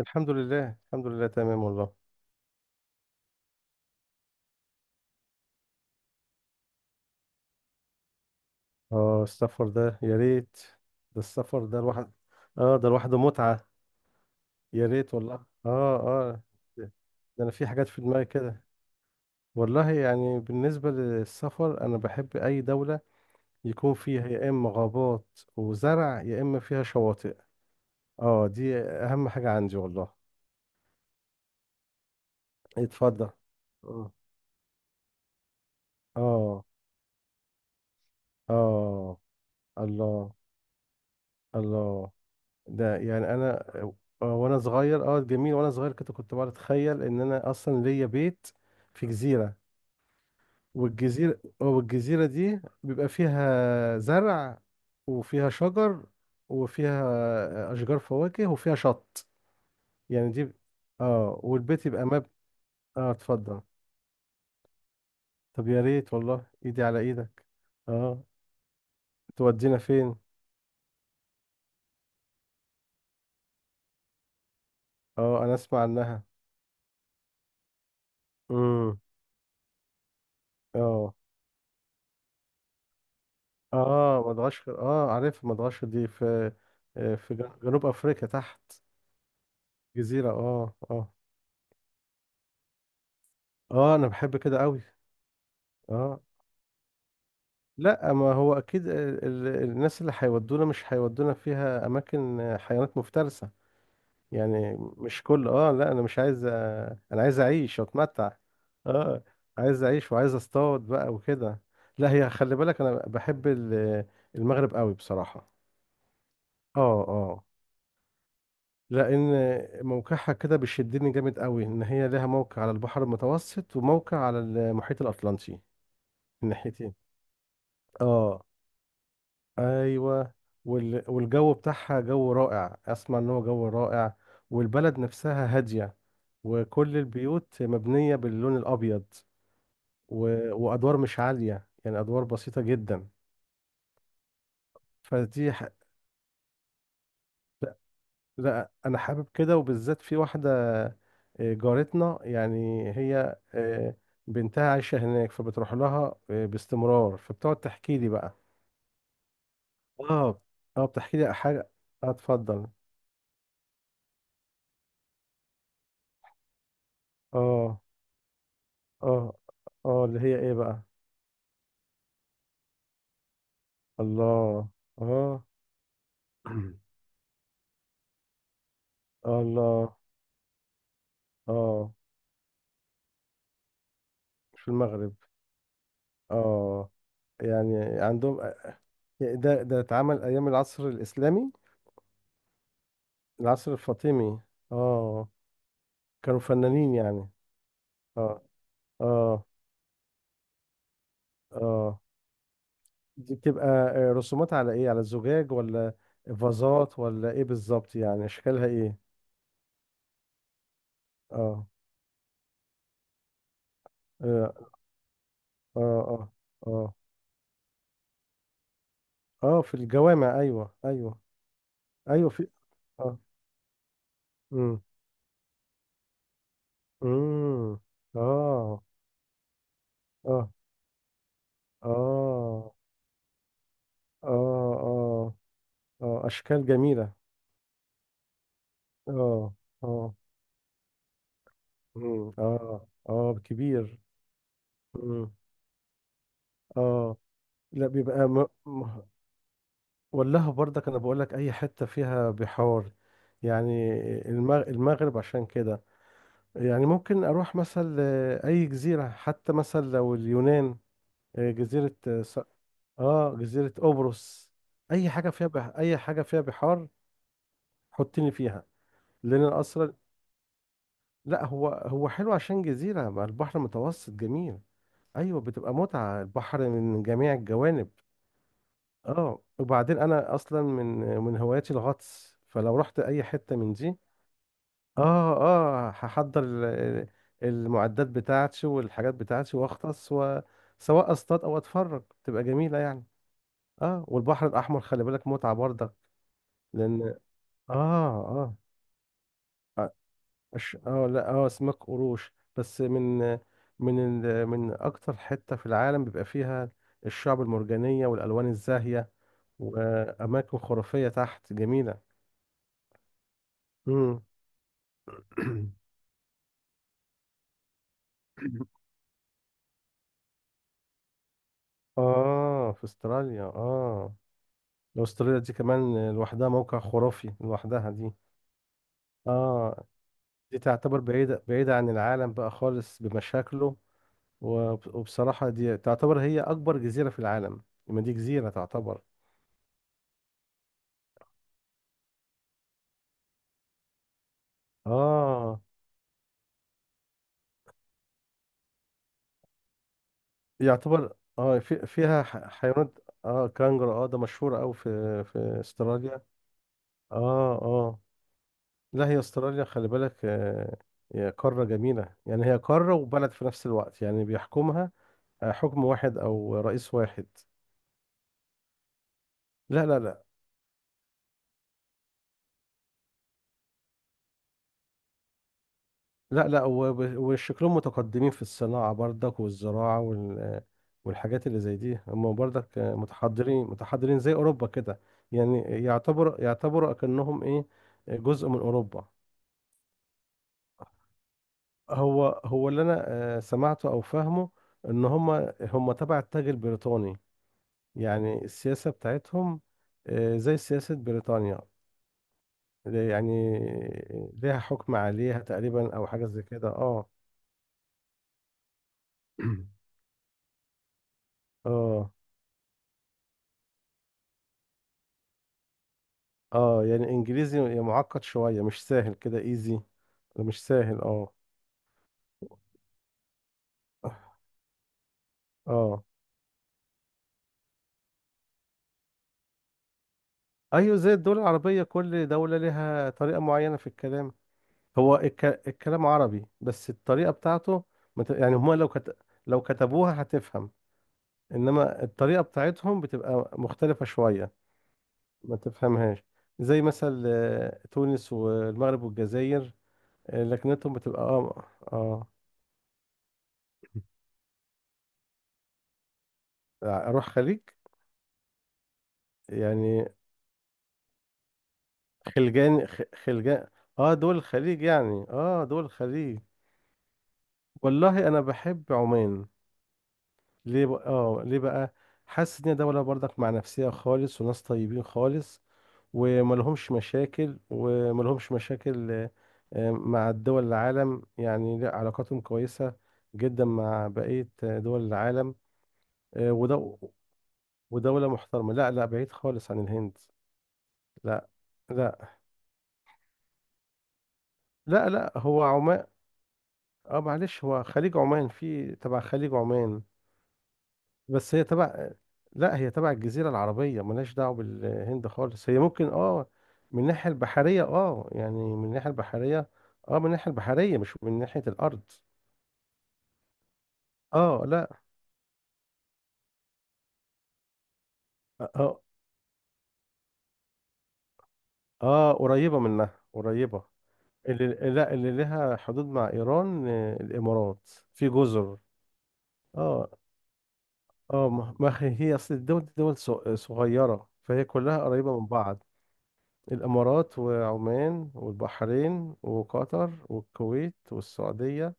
الحمد لله، الحمد لله، تمام والله. اه، السفر ده يا ريت. ده السفر ده الواحد. اه، ده لوحده متعة. يا ريت والله. اه. اه. ده. انا في حاجات في دماغي كده. والله يعني بالنسبة للسفر انا بحب اي دولة يكون فيها يا اما غابات وزرع يا اما فيها شواطئ. اه، دي اهم حاجة عندي والله. اتفضل. اه. اه. آه، الله. الله. ده يعني انا. وانا صغير، اه جميل، وانا صغير كده كنت بقعد اتخيل ان انا اصلا ليا بيت في جزيره. والجزيره، والجزيره دي بيبقى فيها زرع، وفيها شجر، وفيها اشجار فواكه، وفيها شط. يعني دي، اه، والبيت يبقى مب. اه اتفضل. طب يا ريت والله، ايدي على ايدك. اه. تودينا فين؟ اه انا اسمع عنها. امم اه. اه مدغشقر، اه عارف مدغشقر دي في في جنوب افريقيا تحت. جزيرة، اه اه. اه انا بحب كده قوي. اه لا، ما هو اكيد الناس اللي هيودونا مش هيودونا فيها اماكن حيوانات مفترسة. يعني مش كل اه، لا انا مش عايز، انا عايز اعيش واتمتع. اه، عايز اعيش وعايز اصطاد بقى وكده. لا هي خلي بالك انا بحب المغرب قوي بصراحة. اه اه. لان موقعها كده بيشدني جامد قوي، ان هي لها موقع على البحر المتوسط وموقع على المحيط الاطلنطي. الناحيتين. اه ايوه. والجو بتاعها جو رائع، اسمع ان هو جو رائع. والبلد نفسها هاديه، وكل البيوت مبنيه باللون الابيض، و... وادوار مش عاليه، يعني ادوار بسيطه جدا. فدي ح- لا انا حابب كده، وبالذات في واحده. جارتنا يعني، هي بنتها عايشه هناك، فبتروح لها باستمرار، فبتقعد تحكي لي بقى. اه. اه بتحكي لي حاجه. اه اتفضل. اه. اه. اه اللي هي ايه بقى؟ الله. اه. الله. اه في المغرب. اه يعني عندهم، ده اتعمل ايام العصر الاسلامي. العصر الفاطمي. اه كانوا فنانين يعني. اه. اه. اه دي بتبقى رسومات على ايه، على الزجاج، ولا فازات، ولا ايه بالظبط؟ يعني اشكالها ايه؟ اه اه اه اه اه، في الجوامع، ايوه ايوه. ايوه في. اه. امم امم اه. اه. اه. اه. اه. اه اشكال جميلة. اه اه. اه اه كبير. امم اه لا بيبقى م... م... ولاها برضك، انا بقول لك اي حته فيها بحار يعني. المغرب عشان كده. يعني ممكن اروح مثلا اي جزيره، حتى مثلا لو اليونان. جزيره اه جزيره قبرص. اي حاجه فيها بح، اي حاجه فيها بحار. حطني فيها. لان أنا اصلا. لا هو، هو حلو عشان جزيره مع البحر المتوسط جميل. ايوه بتبقى متعه، البحر من جميع الجوانب. اه وبعدين انا اصلا من من هواياتي الغطس، فلو رحت اي حته من دي، اه اه هحضر المعدات بتاعتي والحاجات بتاعتي، واغطس وسواء اصطاد او اتفرج، تبقى جميله يعني. اه والبحر الاحمر خلي بالك متعه برضك. لان اه اه اه لا اه اسماك قروش، بس من من من اكتر حته في العالم بيبقى فيها الشعب المرجانيه والالوان الزاهيه، واماكن خرافيه تحت جميله. امم اه في استراليا اه. أستراليا دي كمان لوحدها موقع خرافي لوحدها دي. اه دي تعتبر بعيدة بعيدة عن العالم بقى خالص بمشاكله. وبصراحة دي تعتبر هي أكبر جزيرة في العالم. ما دي جزيرة تعتبر. اه يعتبر اه، في فيها حيوانات. اه كانجر، اه ده مشهور أوي في في أستراليا. اه اه. لا هي أستراليا خلي بالك آه، هي قارة جميلة. يعني هي قارة وبلد في نفس الوقت، يعني بيحكمها حكم واحد أو رئيس واحد. لا لا لا. لا لا وشكلهم متقدمين في الصناعة برضك والزراعة والحاجات اللي زي دي، هم برضك متحضرين متحضرين زي أوروبا كده. يعني يعتبر، يعتبروا أكنهم إيه، جزء من أوروبا. هو هو اللي أنا سمعته أو فاهمه، إن هم هم تبع التاج البريطاني. يعني السياسة بتاعتهم زي سياسة بريطانيا يعني، ليها حكم عليها تقريبا أو حاجة زي كده أه. اه. اه يعني انجليزي يعني معقد شوية، مش سهل كده ايزي. مش سهل اه. اه ايوه، زي الدول العربية، كل دولة لها طريقة معينة في الكلام. هو الك... الكلام عربي، بس الطريقة بتاعته مت... يعني هما لو كت... لو كتبوها هتفهم، انما الطريقة بتاعتهم بتبقى مختلفة شوية، ما تفهمهاش. زي مثل تونس والمغرب والجزائر. لكنتهم بتبقى اه اه. اروح خليج يعني. خلجان. اه دول الخليج يعني، اه دول الخليج. والله انا بحب عمان. ليه بقى؟ اه ليه بقى؟ حاسس ان هي دولة برضك مع نفسها خالص، وناس طيبين خالص، وملهمش مشاكل، وملهمش مشاكل مع دول العالم. يعني لا، علاقاتهم كويسة جدا مع بقية دول العالم. آه، ودو ودولة محترمة. لا لا، بعيد خالص عن الهند. لا لا لا. لا هو عمان. اه معلش، هو خليج عمان في تبع خليج عمان. بس هي تبع، لا هي تبع الجزيرة العربية، ملهاش دعوة بالهند خالص. هي ممكن اه من الناحية البحرية، اه يعني من الناحية البحرية. اه من الناحية البحرية مش من ناحية الأرض. اه لا. اه اه قريبة منها قريبة. اللي لا اللي لها حدود مع إيران الإمارات في جزر. اه اه ما هي، هي أصل الدول دي دول صغيرة، فهي كلها قريبة من بعض. الإمارات وعمان والبحرين وقطر والكويت والسعودية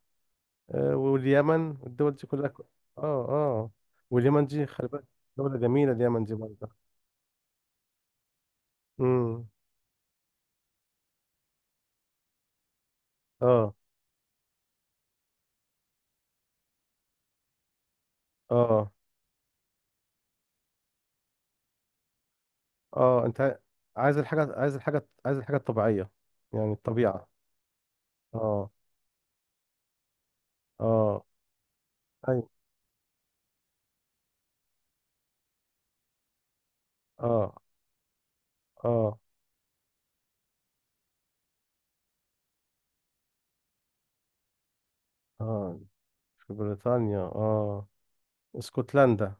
واليمن. الدول دي كلها اه اه واليمن دي خلي بالك، دولة جميلة اليمن دي برضه. امم اه. اه. اه انت عايز الحاجة، عايز الحاجة، عايز الحاجة الطبيعية، يعني الطبيعة. اه اه. اي. اه. اه. اه في بريطانيا اه. اسكتلندا.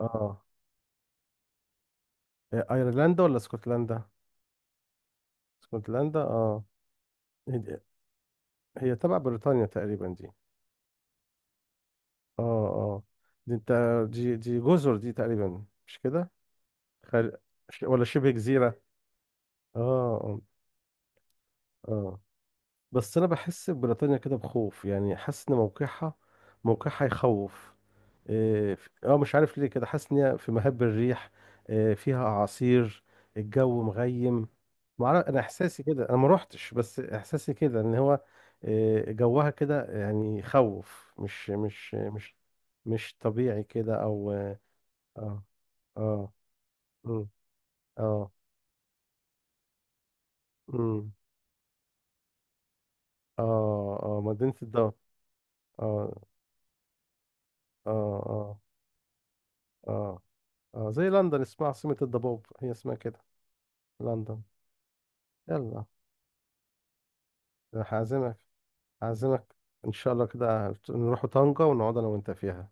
اه إيه، ايرلندا ولا اسكتلندا؟ اسكتلندا اه. هي تبع بريطانيا تقريبا دي. اه اه. دي انت، دي دي جزر دي تقريبا مش كده؟ خل... ولا شبه جزيرة؟ اه اه آه. بس انا بحس بريطانيا كده بخوف، يعني حاسس ان موقعها، موقعها يخوف. اه مش عارف ليه، كده حاسس ان هي في مهب الريح. إيه، فيها اعاصير، الجو مغيم. معرف، انا احساسي كده، انا ما روحتش، بس احساسي كده ان هو إيه، جوها كده يعني يخوف، مش طبيعي كده او. اه اه. مم، اه. مم، اه. اه مدينة الدار. اه اه اه اه اه، زي لندن اسمها عاصمة الضباب، هي اسمها كده لندن. يلا، أنا هعزمك، هعزمك. ان شاء الله كده نروح طنجة ونقعد انا وانت فيها.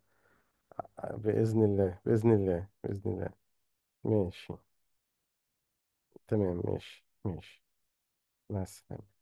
بإذن الله، بإذن الله، بإذن الله. ماشي، تمام، ماشي ماشي. مع السلامة.